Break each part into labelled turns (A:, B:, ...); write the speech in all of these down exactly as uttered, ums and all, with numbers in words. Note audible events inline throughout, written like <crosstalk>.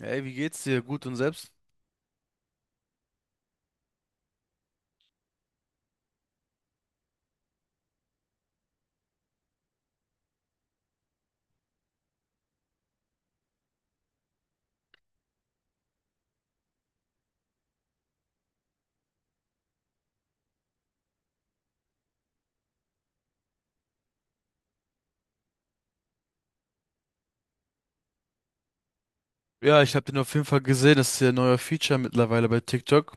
A: Hey, wie geht's dir? Gut und selbst? Ja, ich habe den auf jeden Fall gesehen. Das ist ja ein neuer Feature mittlerweile bei TikTok.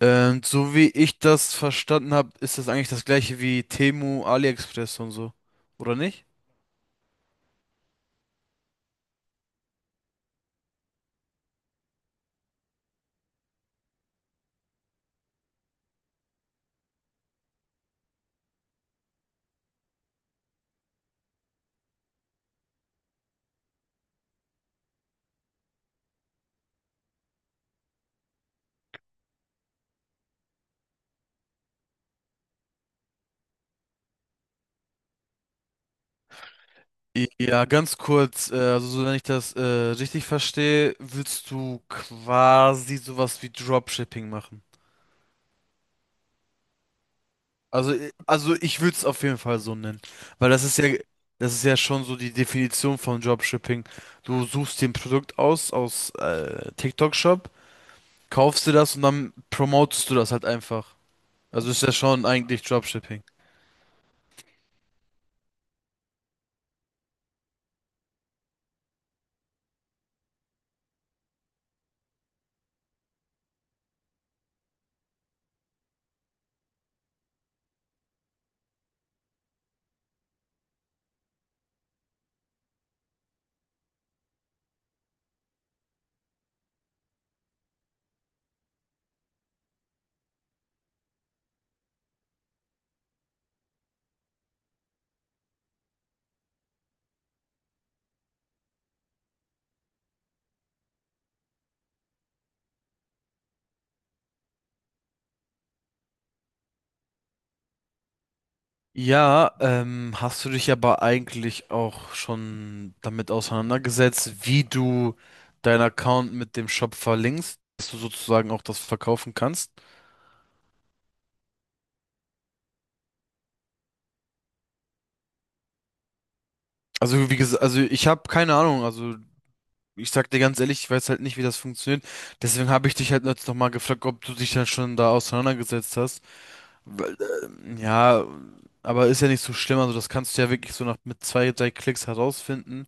A: Und so wie ich das verstanden habe, ist das eigentlich das gleiche wie Temu, AliExpress und so. Oder nicht? Ja, ganz kurz, äh, also so, wenn ich das äh, richtig verstehe, willst du quasi sowas wie Dropshipping machen. Also, äh, also ich würde es auf jeden Fall so nennen, weil das ist ja, das ist ja schon so die Definition von Dropshipping. Du suchst dir ein Produkt aus aus äh, TikTok-Shop, kaufst dir das und dann promotest du das halt einfach. Also ist ja schon eigentlich Dropshipping. Ja, ähm, hast du dich aber eigentlich auch schon damit auseinandergesetzt, wie du deinen Account mit dem Shop verlinkst, dass du sozusagen auch das verkaufen kannst? Also wie gesagt, also ich habe keine Ahnung, also ich sag dir ganz ehrlich, ich weiß halt nicht, wie das funktioniert. Deswegen habe ich dich halt jetzt nochmal gefragt, ob du dich dann schon da auseinandergesetzt hast. Weil, ja. Aber ist ja nicht so schlimm, also das kannst du ja wirklich so nach mit zwei, drei Klicks herausfinden.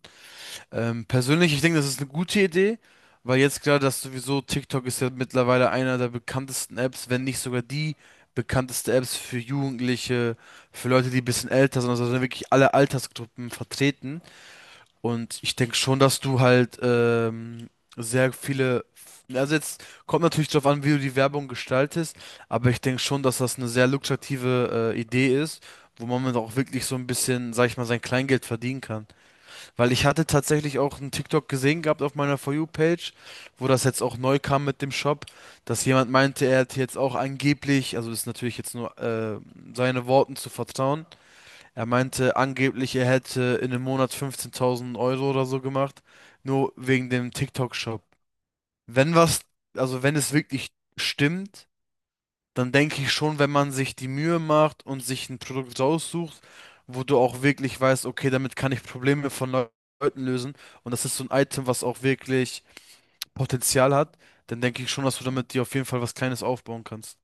A: Ähm, persönlich, ich denke, das ist eine gute Idee, weil jetzt klar, dass sowieso TikTok ist ja mittlerweile einer der bekanntesten Apps, wenn nicht sogar die bekannteste Apps für Jugendliche, für Leute, die ein bisschen älter sind, also da sind wirklich alle Altersgruppen vertreten. Und ich denke schon, dass du halt ähm, sehr viele. Also jetzt kommt natürlich darauf an, wie du die Werbung gestaltest, aber ich denke schon, dass das eine sehr lukrative äh, Idee ist, wo man mit auch wirklich so ein bisschen, sag ich mal, sein Kleingeld verdienen kann. Weil ich hatte tatsächlich auch einen TikTok gesehen gehabt auf meiner For You-Page, wo das jetzt auch neu kam mit dem Shop, dass jemand meinte, er hätte jetzt auch angeblich, also ist natürlich jetzt nur äh, seine Worten zu vertrauen, er meinte angeblich, er hätte in einem Monat fünfzehntausend Euro oder so gemacht, nur wegen dem TikTok-Shop. Wenn was, also wenn es wirklich stimmt, dann denke ich schon, wenn man sich die Mühe macht und sich ein Produkt raussucht, wo du auch wirklich weißt, okay, damit kann ich Probleme von Leu- Leuten lösen und das ist so ein Item, was auch wirklich Potenzial hat, dann denke ich schon, dass du damit dir auf jeden Fall was Kleines aufbauen kannst.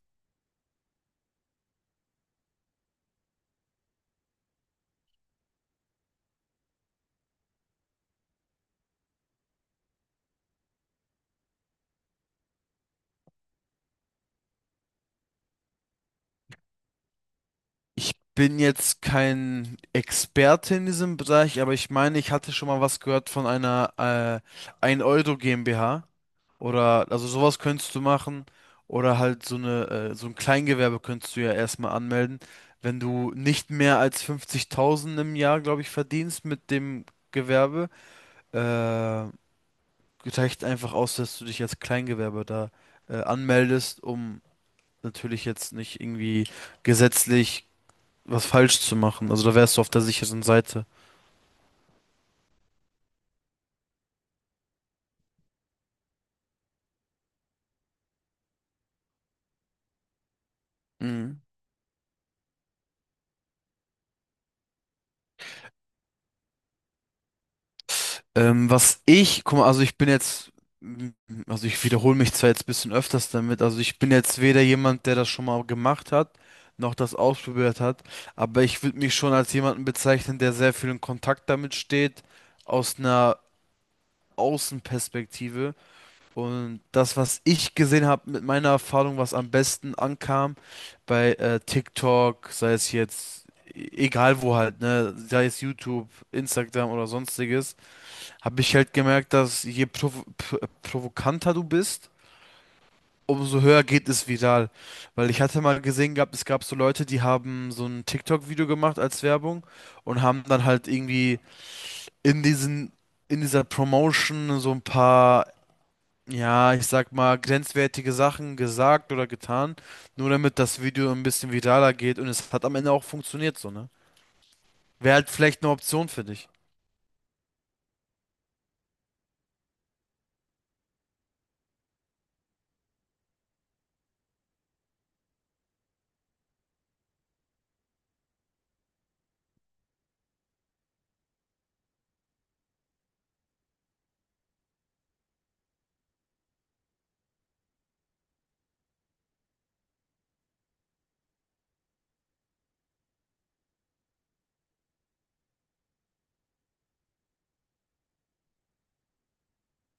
A: Ich bin jetzt kein Experte in diesem Bereich, aber ich meine, ich hatte schon mal was gehört von einer äh, ein-Euro GmbH. Oder, also sowas könntest du machen. Oder halt so eine, äh, so ein Kleingewerbe könntest du ja erstmal anmelden. Wenn du nicht mehr als fünfzigtausend im Jahr, glaube ich, verdienst mit dem Gewerbe, äh, reicht einfach aus, dass du dich als Kleingewerbe da äh, anmeldest, um natürlich jetzt nicht irgendwie gesetzlich was falsch zu machen. Also da wärst du auf der sicheren Seite. Mhm. Ähm, was ich, guck mal, also ich bin jetzt, m- also ich wiederhole mich zwar jetzt ein bisschen öfters damit, also ich bin jetzt weder jemand, der das schon mal gemacht hat, noch das ausprobiert hat, aber ich würde mich schon als jemanden bezeichnen, der sehr viel in Kontakt damit steht, aus einer Außenperspektive. Und das, was ich gesehen habe mit meiner Erfahrung, was am besten ankam bei äh, TikTok, sei es jetzt, e- egal wo halt, ne, sei es YouTube, Instagram oder sonstiges, habe ich halt gemerkt, dass je provo pr provokanter du bist, umso höher geht es viral. Weil ich hatte mal gesehen gehabt, es gab so Leute, die haben so ein TikTok-Video gemacht als Werbung und haben dann halt irgendwie in diesen, in dieser Promotion so ein paar ja, ich sag mal, grenzwertige Sachen gesagt oder getan, nur damit das Video ein bisschen viraler geht und es hat am Ende auch funktioniert, so, ne? Wäre halt vielleicht eine Option für dich.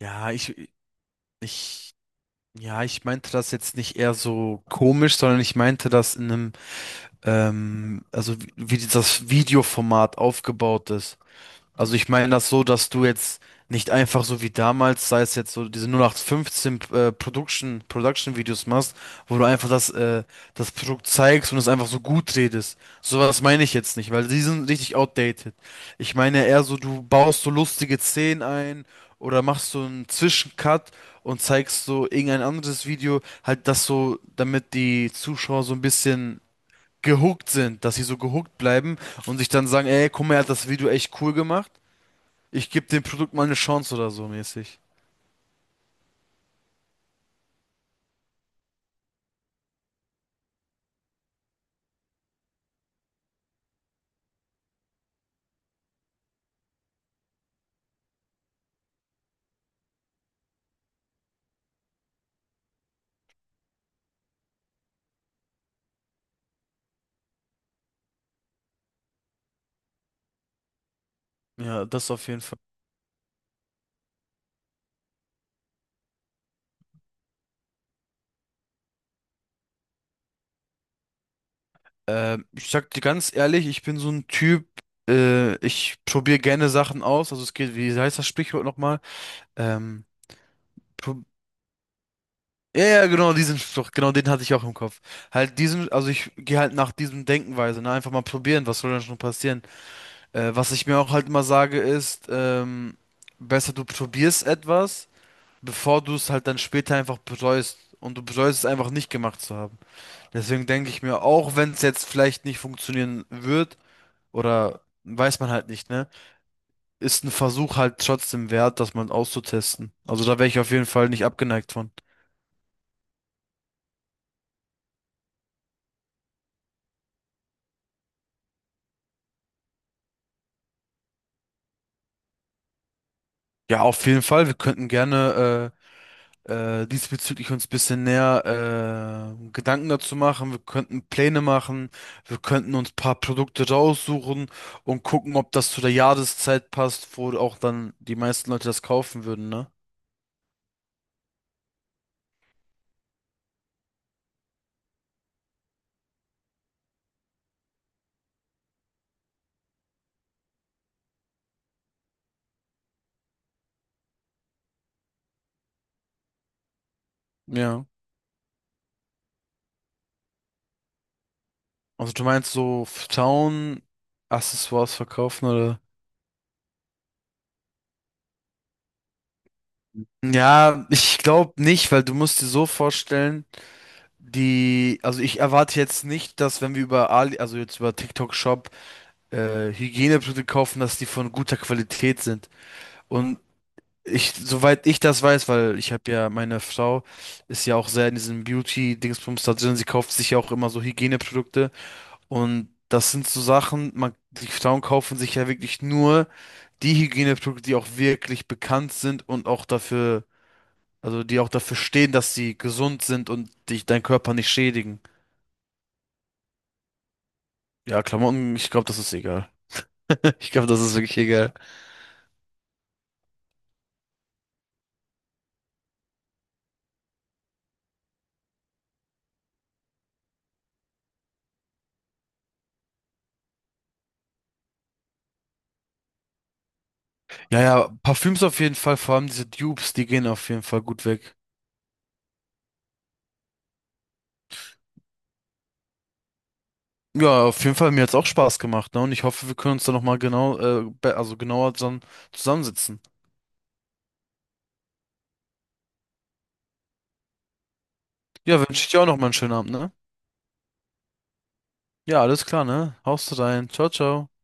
A: Ja, ich, ich, ja, ich meinte das jetzt nicht eher so komisch, sondern ich meinte das in einem, ähm, also wie, wie das Videoformat aufgebaut ist. Also ich meine das so, dass du jetzt nicht einfach so wie damals, sei es jetzt so diese null acht fünfzehn äh, Production, Production Videos machst, wo du einfach das, äh, das Produkt zeigst und es einfach so gut redest. Sowas meine ich jetzt nicht, weil die sind richtig outdated. Ich meine eher so, du baust so lustige Szenen ein oder machst so einen Zwischencut und zeigst so irgendein anderes Video, halt das so, damit die Zuschauer so ein bisschen gehuckt sind, dass sie so gehuckt bleiben und sich dann sagen, ey, guck mal, er hat das Video echt cool gemacht. Ich gebe dem Produkt mal eine Chance oder so mäßig. Ja, das auf jeden Fall. Ähm, ich sag dir ganz ehrlich, ich bin so ein Typ, äh, ich probiere gerne Sachen aus. Also es geht, wie heißt das Sprichwort nochmal? Ähm, prob- ja, ja, genau, diesen Spruch, genau den hatte ich auch im Kopf. Halt diesen, also ich gehe halt nach diesem Denkenweise, ne? Einfach mal probieren, was soll denn schon passieren? Äh, was ich mir auch halt immer sage ist, ähm, besser du probierst etwas, bevor du es halt dann später einfach bereust. Und du bereust es einfach nicht gemacht zu haben. Deswegen denke ich mir, auch wenn es jetzt vielleicht nicht funktionieren wird, oder weiß man halt nicht, ne? Ist ein Versuch halt trotzdem wert, das mal auszutesten. Also da wäre ich auf jeden Fall nicht abgeneigt von. Ja, auf jeden Fall. Wir könnten gerne äh, äh, diesbezüglich uns ein bisschen näher äh, Gedanken dazu machen. Wir könnten Pläne machen. Wir könnten uns ein paar Produkte raussuchen und gucken, ob das zu der Jahreszeit passt, wo auch dann die meisten Leute das kaufen würden, ne? Ja. Also du meinst so Town-Accessoires verkaufen oder? Ja, ich glaube nicht, weil du musst dir so vorstellen, die, also ich erwarte jetzt nicht, dass wenn wir über Ali, also jetzt über TikTok Shop äh, Hygieneprodukte kaufen, dass die von guter Qualität sind. Und ich, soweit ich das weiß, weil ich habe ja, meine Frau ist ja auch sehr in diesem Beauty-Dingsbums da drin, sie kauft sich ja auch immer so Hygieneprodukte und das sind so Sachen, man, die Frauen kaufen sich ja wirklich nur die Hygieneprodukte, die auch wirklich bekannt sind und auch dafür, also die auch dafür stehen, dass sie gesund sind und dich deinen Körper nicht schädigen. Ja, Klamotten, ich glaube, das ist egal. <laughs> Ich glaube, das ist wirklich egal. Ja, ja, Parfüms auf jeden Fall, vor allem diese Dupes, die gehen auf jeden Fall gut weg. Ja, auf jeden Fall, mir hat's auch Spaß gemacht, ne? Und ich hoffe, wir können uns da nochmal genau, äh, be- also genauer dann zusammensitzen. Ja, wünsche ich dir auch nochmal einen schönen Abend, ne? Ja, alles klar, ne? Haust du rein. Ciao, ciao.